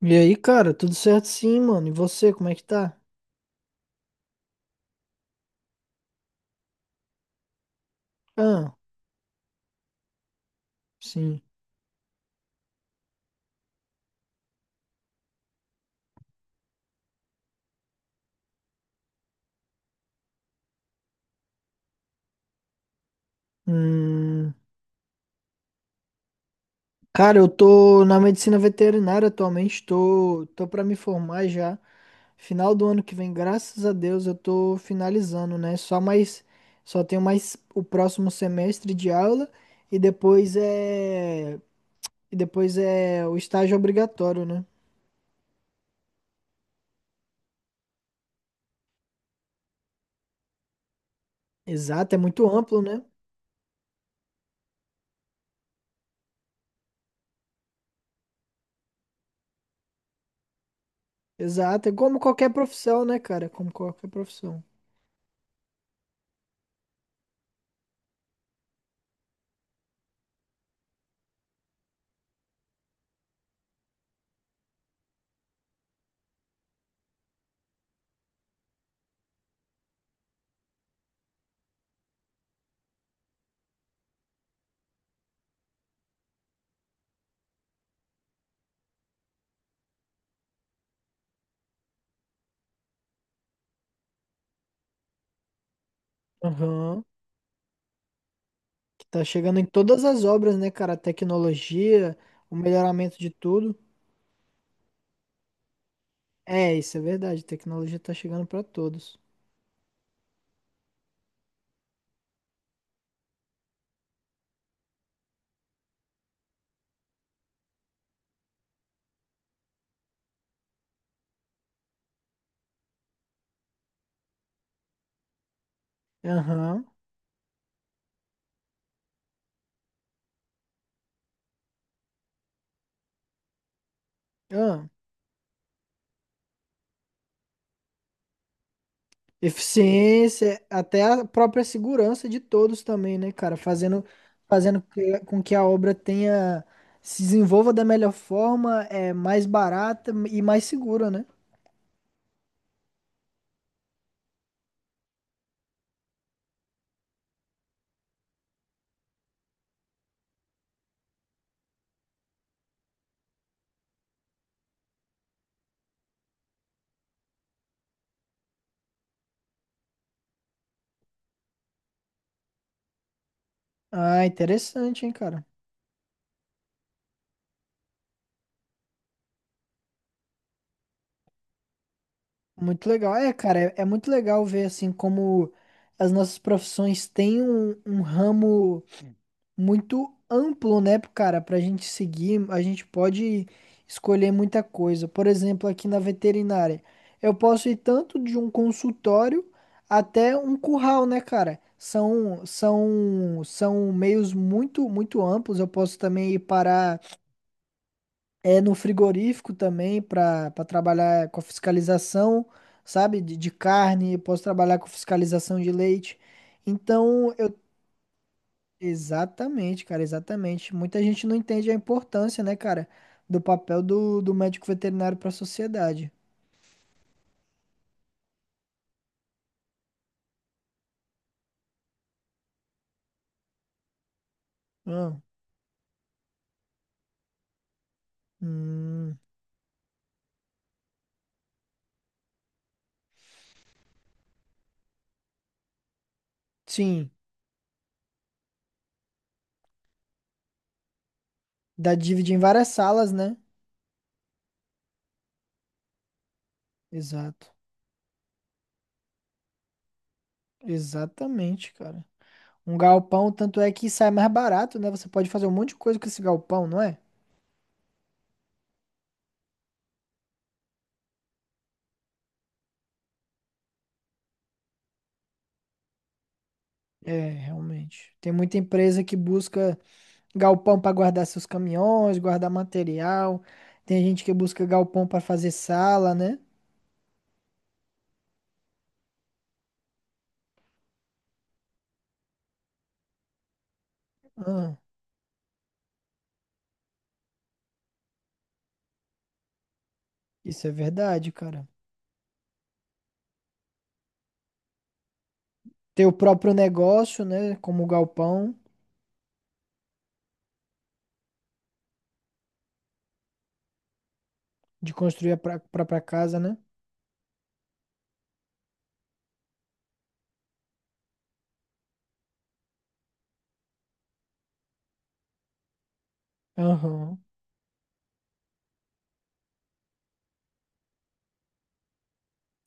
E aí, cara, tudo certo sim, mano. E você, como é que tá? Ah, sim. Hum, cara, eu tô na medicina veterinária atualmente, tô pra me formar já. Final do ano que vem, graças a Deus, eu tô finalizando, né? Só tenho mais o próximo semestre de aula e e depois é o estágio obrigatório, né? Exato, é muito amplo, né? Exato, é como qualquer profissão, né, cara? Como qualquer profissão. Aham. Que tá chegando em todas as obras, né, cara? A tecnologia, o melhoramento de tudo. É, isso é verdade. A tecnologia tá chegando pra todos. Aham. Ah, eficiência, até a própria segurança de todos também, né, cara? Fazendo com que a obra tenha, se desenvolva da melhor forma, é mais barata e mais segura, né? Ah, interessante, hein, cara? Muito legal. É, cara, é muito legal ver assim como as nossas profissões têm um ramo muito amplo, né, cara? Pra gente seguir, a gente pode escolher muita coisa. Por exemplo, aqui na veterinária, eu posso ir tanto de um consultório até um curral, né, cara? São meios muito amplos. Eu posso também ir parar no frigorífico também para trabalhar com a fiscalização, sabe? De carne, eu posso trabalhar com fiscalização de leite. Então, exatamente, cara, exatamente. Muita gente não entende a importância, né, cara, do papel do médico veterinário para a sociedade. Ah, hum, sim, dá dívida em várias salas, né? Exato, exatamente, cara. Um galpão, tanto é que sai mais barato, né? Você pode fazer um monte de coisa com esse galpão, não é? É, realmente. Tem muita empresa que busca galpão para guardar seus caminhões, guardar material. Tem gente que busca galpão para fazer sala, né? Ah, isso é verdade, cara. Ter o próprio negócio, né? Como o galpão de construir a própria casa, né? Aham.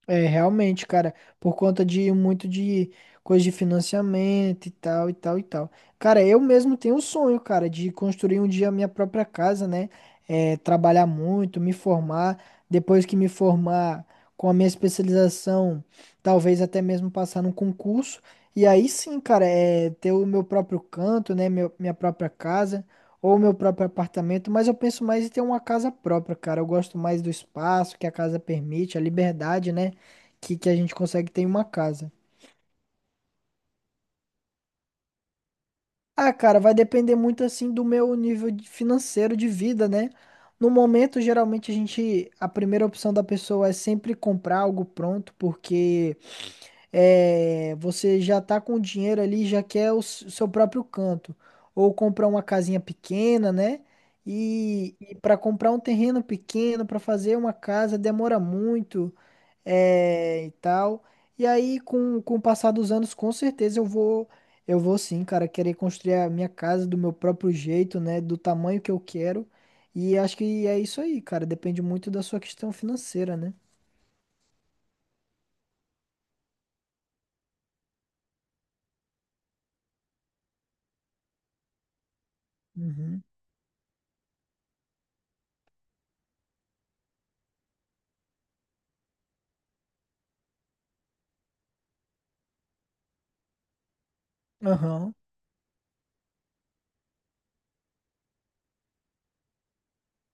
É, realmente, cara, por conta de muito de coisa de financiamento e tal, e tal, e tal. Cara, eu mesmo tenho um sonho, cara, de construir um dia a minha própria casa, né? É, trabalhar muito, me formar. Depois que me formar com a minha especialização, talvez até mesmo passar num concurso. E aí sim, cara, é ter o meu próprio canto, né? Minha própria casa ou meu próprio apartamento. Mas eu penso mais em ter uma casa própria, cara. Eu gosto mais do espaço que a casa permite, a liberdade, né? Que a gente consegue ter em uma casa. Ah, cara, vai depender muito assim do meu financeiro de vida, né? No momento, geralmente a primeira opção da pessoa é sempre comprar algo pronto, porque é, você já tá com o dinheiro ali, já quer o seu próprio canto. Ou comprar uma casinha pequena, né? E para comprar um terreno pequeno, para fazer uma casa, demora muito. É, e tal. E aí, com o passar dos anos, com certeza eu vou sim, cara, querer construir a minha casa do meu próprio jeito, né, do tamanho que eu quero. E acho que é isso aí, cara. Depende muito da sua questão financeira, né? Uhum. Aham.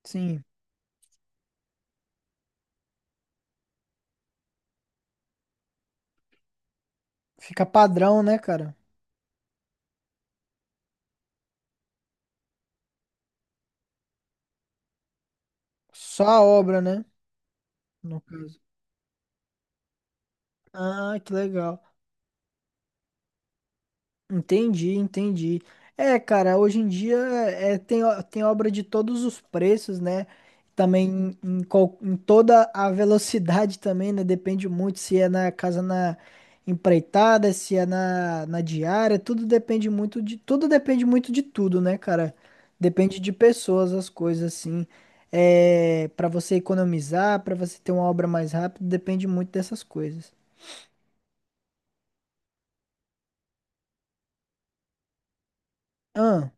Sim. Fica padrão, né, cara? Só a obra, né? No caso. Ah, que legal. Entendi, entendi. É, cara, hoje em dia tem obra de todos os preços, né? Também em, em toda a velocidade também, né? Depende muito se é na casa na empreitada, se é na, na diária, tudo depende muito de tudo, né, cara? Depende de pessoas, as coisas assim. É, para você economizar, para você ter uma obra mais rápida, depende muito dessas coisas. Ahn.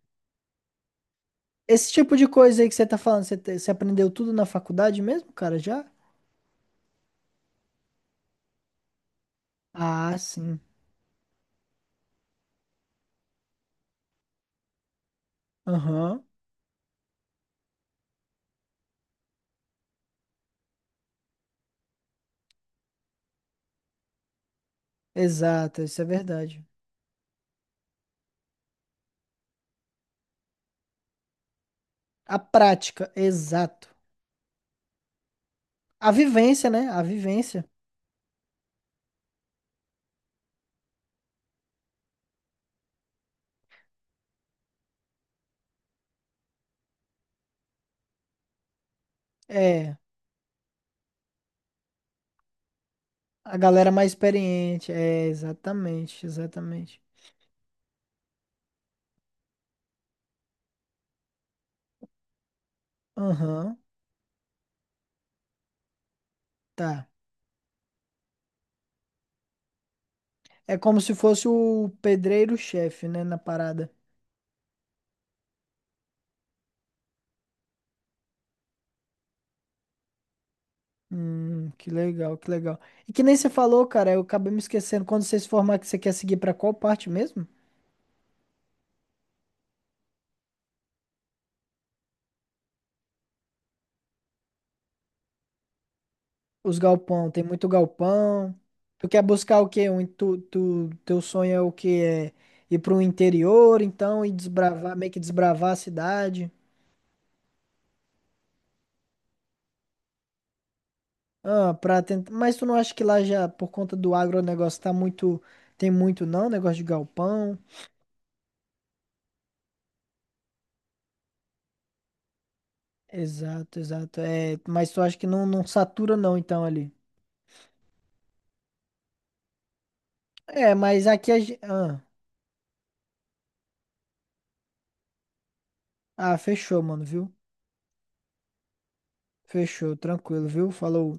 Esse tipo de coisa aí que você tá falando, você aprendeu tudo na faculdade mesmo, cara, já? Ah, sim. Aham. Exato, isso é verdade. A prática, exato. A vivência, né? A vivência. É, a galera mais experiente. É, exatamente, exatamente. Aham, tá. É como se fosse o pedreiro-chefe, né, na parada. Que legal, que legal. E que nem você falou, cara, eu acabei me esquecendo. Quando você se formar, que você quer seguir pra qual parte mesmo? Os galpão, tem muito galpão. Tu quer buscar o quê? Um, teu sonho é o quê? É ir pro interior, então, e desbravar, meio que desbravar a cidade. Ah, pra tentar... Mas tu não acha que lá já, por conta do agronegócio, tá muito... Tem muito não, negócio de galpão. Exato, exato. É, mas tu acha que não, satura não, então, ali. É, mas aqui a gente... Ah, ah, fechou, mano, viu? Fechou, tranquilo, viu? Falou.